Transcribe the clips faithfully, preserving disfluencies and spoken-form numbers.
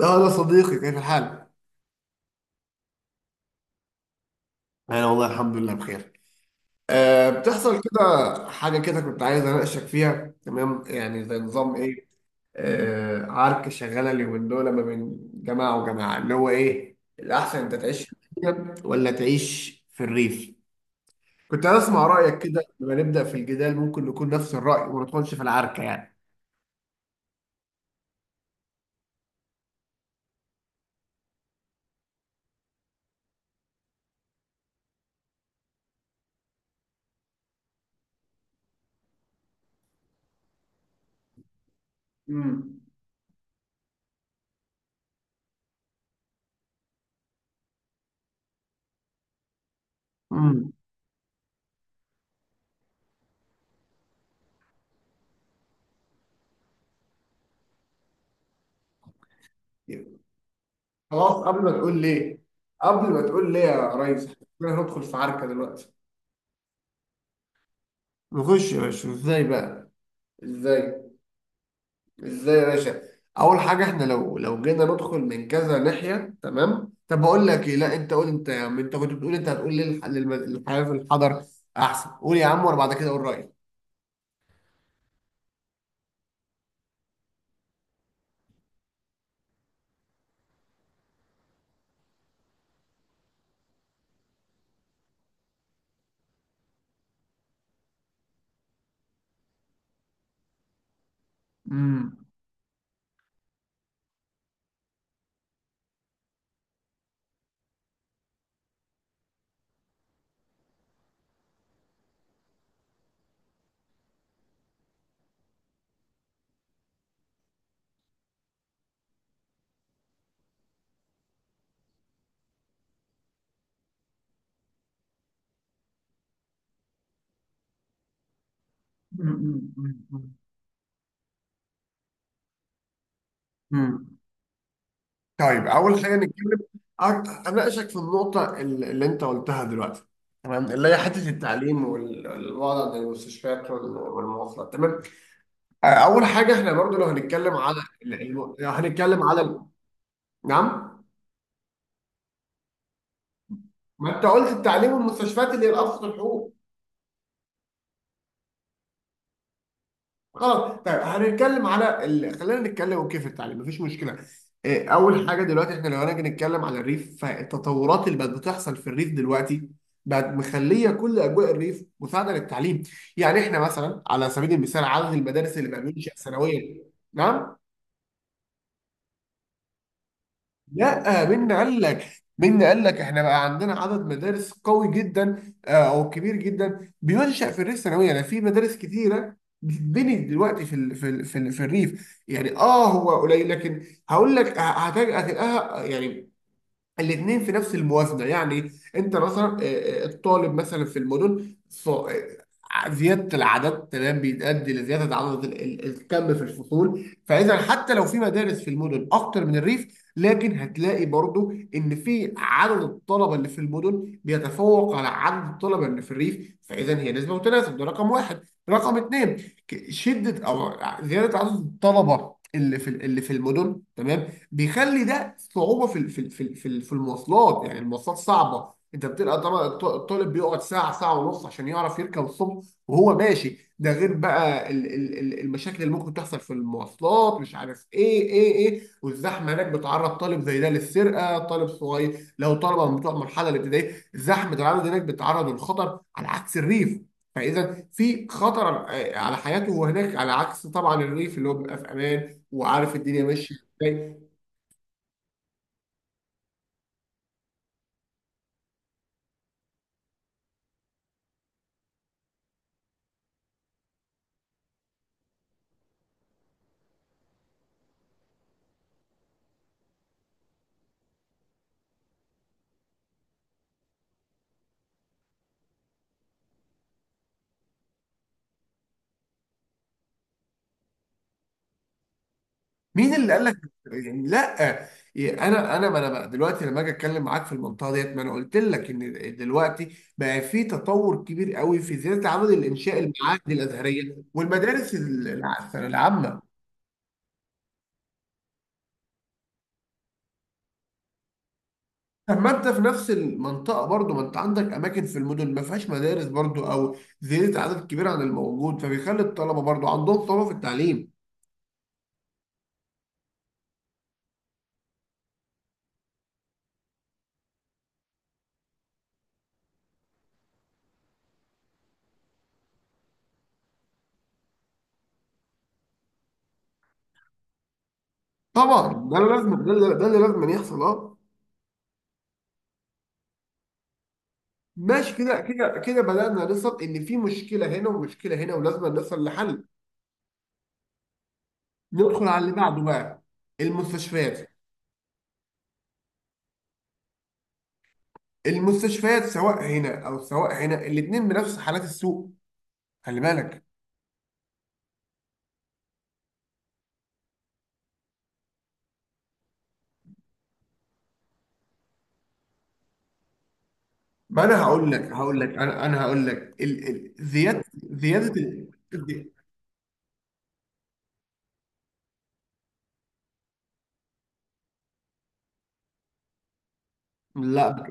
اه ده صديقي، كيف الحال؟ أنا والله الحمد لله بخير. أه، بتحصل كده حاجة كده. كنت عايز أناقشك فيها، تمام؟ يعني زي نظام إيه، أه عركة شغالة اليومين دول ما بين جماعة وجماعة، اللي هو إيه الأحسن، أنت تعيش في المدينة ولا تعيش في الريف؟ كنت عايز أسمع رأيك كده، لما نبدأ في الجدال ممكن نكون نفس الرأي وما ندخلش في العركة يعني. امم. امم. خلاص قبل ما تقول ليه، قبل ما تقول ليه يا ريس، إحنا هندخل في عركة دلوقتي. نخش يا باشا، ازاي بقى؟ ازاي؟ ازاي يا باشا؟ اول حاجه، احنا لو لو جينا ندخل من كذا ناحيه، تمام؟ طب بقول لك ايه، لا انت قول انت يا عم، انت كنت بتقول، انت هتقول لي الح- للم- الحياه في الحضر احسن، قول يا عم وانا بعد كده اقول رايي. امم. امم. امم. امم. طيب اول حاجه نتكلم، أك- اناقشك في النقطه ال- اللي انت قلتها دلوقتي، تمام، اللي هي حته التعليم وال- والوضع عند المستشفيات وال- والمواصلات، تمام. اول حاجه، احنا برضو لو هنتكلم على ال- الم- لو هنتكلم على ال-. نعم. ما انت قلت التعليم والمستشفيات اللي هي الابسط الحقوق. خلاص طيب، هنتكلم على ال... خلينا نتكلم، اوكي، في التعليم مفيش مشكله. إيه، اول حاجه دلوقتي، احنا لو هنيجي نتكلم على الريف، فالتطورات اللي بقت بتحصل في الريف دلوقتي بقت مخليه كل اجواء الريف مساعده للتعليم. يعني احنا مثلا على سبيل المثال، عدد المدارس اللي بقى بينشأ سنويا. نعم. لا، مين قال لك؟ مين قال لك؟ احنا بقى عندنا عدد مدارس قوي جدا، آه، او كبير جدا بينشأ في الريف ثانويا، يعني في مدارس كتيره بتتبني دلوقتي في ال في ال في, ال في الريف يعني، اه هو قليل لكن هقول لك هتج- هتلاقيها يعني الاثنين في نفس الموازنه. يعني انت مثلا، آه، آه، الطالب مثلا في المدن ص- آه، زياده العدد تمام بيؤدي لزياده عدد ال- ال- الكم في الفصول، فاذا حتى لو في مدارس في المدن اكتر من الريف، لكن هتلاقي برضو ان في عدد الطلبه اللي في المدن بيتفوق على عدد الطلبه اللي في الريف، فاذا هي نسبه وتناسب، ده رقم واحد. رقم اثنين، شده او زياده عدد الطلبه اللي في اللي في المدن تمام بيخلي ده صعوبة في ال- في ال- في ال- في ال- في المواصلات. يعني المواصلات صعبة، انت بتبقى طبعا الط- الطالب بيقعد ساعة ساعة ونص عشان يعرف يركب الصبح وهو ماشي، ده غير بقى ال- ال- ال- المشاكل اللي ممكن تحصل في المواصلات، مش عارف ايه ايه ايه، والزحمة هناك بتعرض طالب زي ده للسرقة. طالب صغير لو طلبة من بتوع المرحلة الابتدائية، الزحمة اللي عنده هناك بتعرضه للخطر على عكس الريف. فاذا في خطر، آه، على حياته هناك، على عكس طبعا الريف اللي هو بيبقى في امان وعارف الدنيا ماشيه. ازاي؟ مين اللي قال لك؟ يعني لا، يعني انا انا ما انا بقى دلوقتي لما اجي اتكلم معاك في المنطقه ديت، ما انا قلت لك ان دلوقتي بقى في تطور كبير قوي في زياده عدد الانشاء، المعاهد الازهريه والمدارس الع- العامه. طب ما انت في نفس المنطقه برضو، ما انت عندك اماكن في المدن ما فيهاش مدارس برضو، او زياده عدد كبير عن الموجود فبيخلي الطلبه برضو عندهم صعوبه في التعليم. طبعا ده اللي لازم، ده اللي ده اللي لازم يحصل، اه. ماشي كده كده كده، بدأنا نصل إن في مشكلة هنا ومشكلة هنا ولازم نصل لحل. ندخل على اللي بعده بقى، المستشفيات. المستشفيات سواء هنا أو سواء هنا الاتنين بنفس حالات السوق، خلي بالك. ما أنا هقول لك، هقول لك أنا أنا هقول لك ال... ال... زيادة زيادة ال... لا،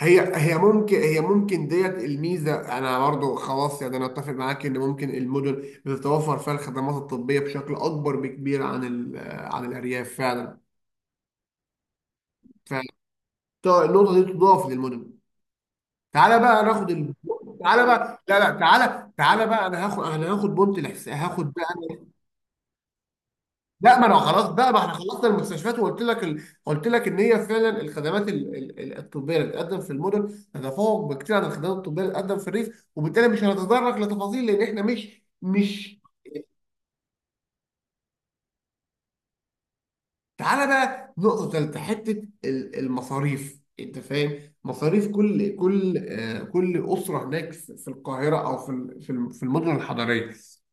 هي هي ممكن، هي ممكن ديت الميزه، انا برضو خلاص يعني، انا اتفق معاك ان ممكن المدن بتتوفر فيها الخدمات الطبيه بشكل اكبر بكبير عن ال... عن الارياف فعلا. طيب النقطه دي تضاف للمونيمنت. تعالى بقى ناخد ال... تعالى بقى، لا لا تعالى، تعالى بقى انا هاخد انا هاخد بونت الحس... هاخد بقى أنا... لا ما انا خلاص بقى، ما احنا خلصنا المستشفيات وقلت لك ال... قلت لك ان هي فعلا الخدمات ال... ال... ال- الطبيه اللي بتقدم في المدن تتفوق بكتير عن الخدمات الطبيه اللي بتقدم في الريف، وبالتالي مش هنتطرق لتفاصيل لان احنا مش مش. تعالى بقى نقطة تالتة، حتة ال- المصاريف. انت فاهم مصاريف كل كل، آه، كل أسرة هناك في في القاهرة أو في ال- في الم- في المدن الحضرية،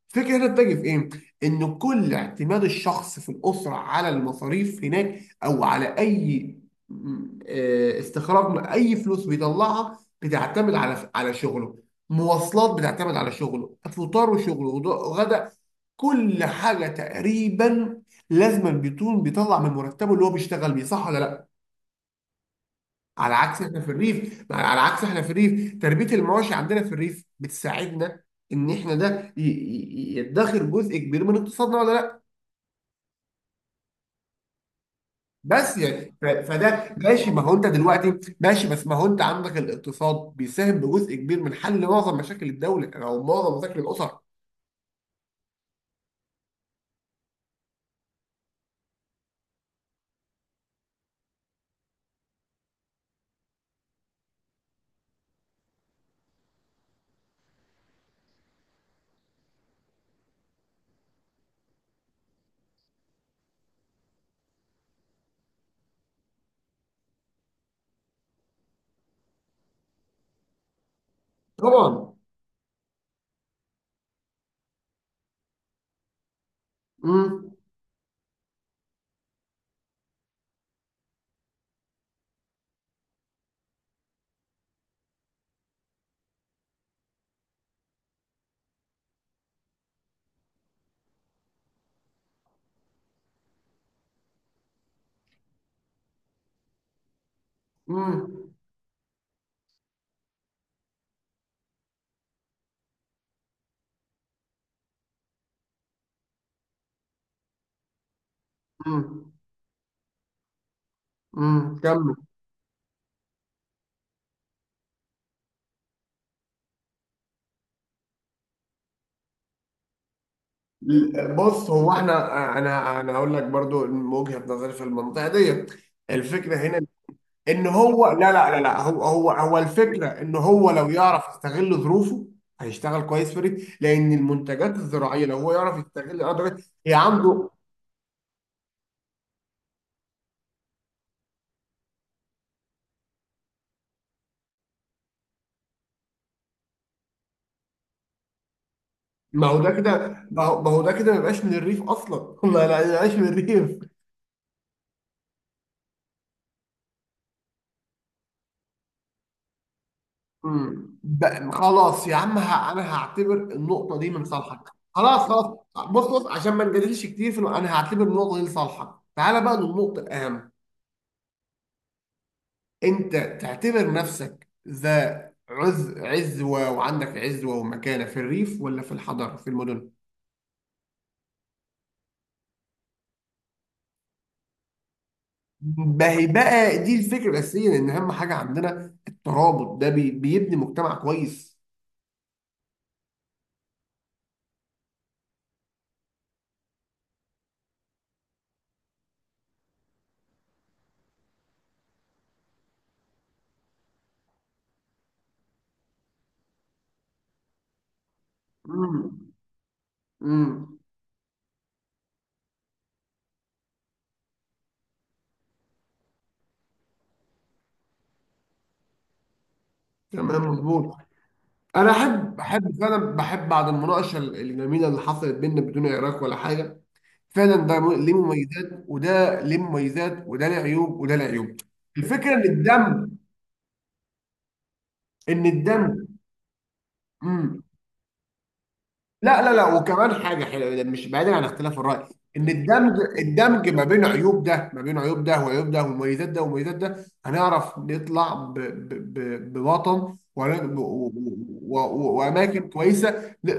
الفكرة هنا بتجي في إيه؟ إن كل اعتماد الشخص في الأسرة على المصاريف هناك أو على أي م- آه، استخراج من أي فلوس بيطلعها بتعتمد على على شغله. مواصلات بتعتمد على شغله، فطار وشغله، وض- غدا، كل حاجة تقريبا لازما بيكون بيطلع من مرتبه اللي هو بيشتغل بيه، صح ولا لا؟ على عكس احنا في الريف، على عكس احنا في الريف تربيه المواشي عندنا في الريف بتساعدنا ان احنا ده ي- ي- يدخر جزء كبير من اقتصادنا، ولا لا؟ بس يعني ف- فده ماشي، ما هو انت دلوقتي ماشي، بس ما هو انت عندك الاقتصاد بيساهم بجزء كبير من حل معظم مشاكل الدوله او معظم مشاكل الاسر. طبعا. امم. امم. امم. بص هو احنا، انا انا هقول لك برضو من وجهة نظري في المنطقه دي، الفكره هنا ان هو، لا لا لا لا هو هو هو الفكره ان هو لو يعرف يستغل ظروفه هيشتغل كويس في ريف، لان المنتجات الزراعيه لو هو يعرف يستغل الارض دي، هي عنده. ما هو ده كده، ما هو ما هو ده كده ما يبقاش من الريف اصلا ما لا ما يبقاش من الريف. مم. بقى- خلاص يا عم ه- انا هعتبر النقطه دي من صالحك، خلاص خلاص. بص بص، عشان ما نجادلش كتير في النقطة، انا هعتبر النقطه دي لصالحك، تعالى بقى للنقطه الاهم. انت تعتبر نفسك ذا عز، عزوه وعندك عزوه ومكانه في الريف ولا في الحضر في المدن؟ ما هي بقى دي الفكره الاساسيه، لان اهم حاجه عندنا الترابط ده بي- بيبني مجتمع كويس. مم. مم. تمام مظبوط. انا احب، احب فعلا بحب بعد المناقشه الجميله اللي حصلت بيننا بدون عراك ولا حاجه. فعلا ده م- ليه مميزات وده ليه مميزات، وده ليه عيوب وده ليه عيوب. الفكره ان الدم، ان الدم. امم. لا لا لا، وكمان حاجه حلوه مش بعيدا عن اختلاف الراي، ان الدمج، الدمج ما بين عيوب ده، ما بين عيوب ده وعيوب ده ومميزات ده ومميزات ده، هنعرف نطلع ب- ب- ب- بوطن وهن- و- و- و- واماكن كويسه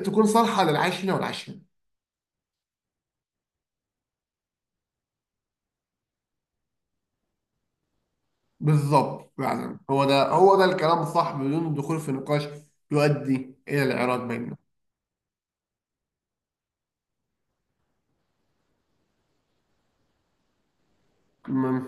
تكون صالحه للعيش هنا والعيش هنا. بالظبط، يعني هو ده هو ده الكلام الصح بدون الدخول في نقاش يؤدي إلى الإعراض بيننا. م-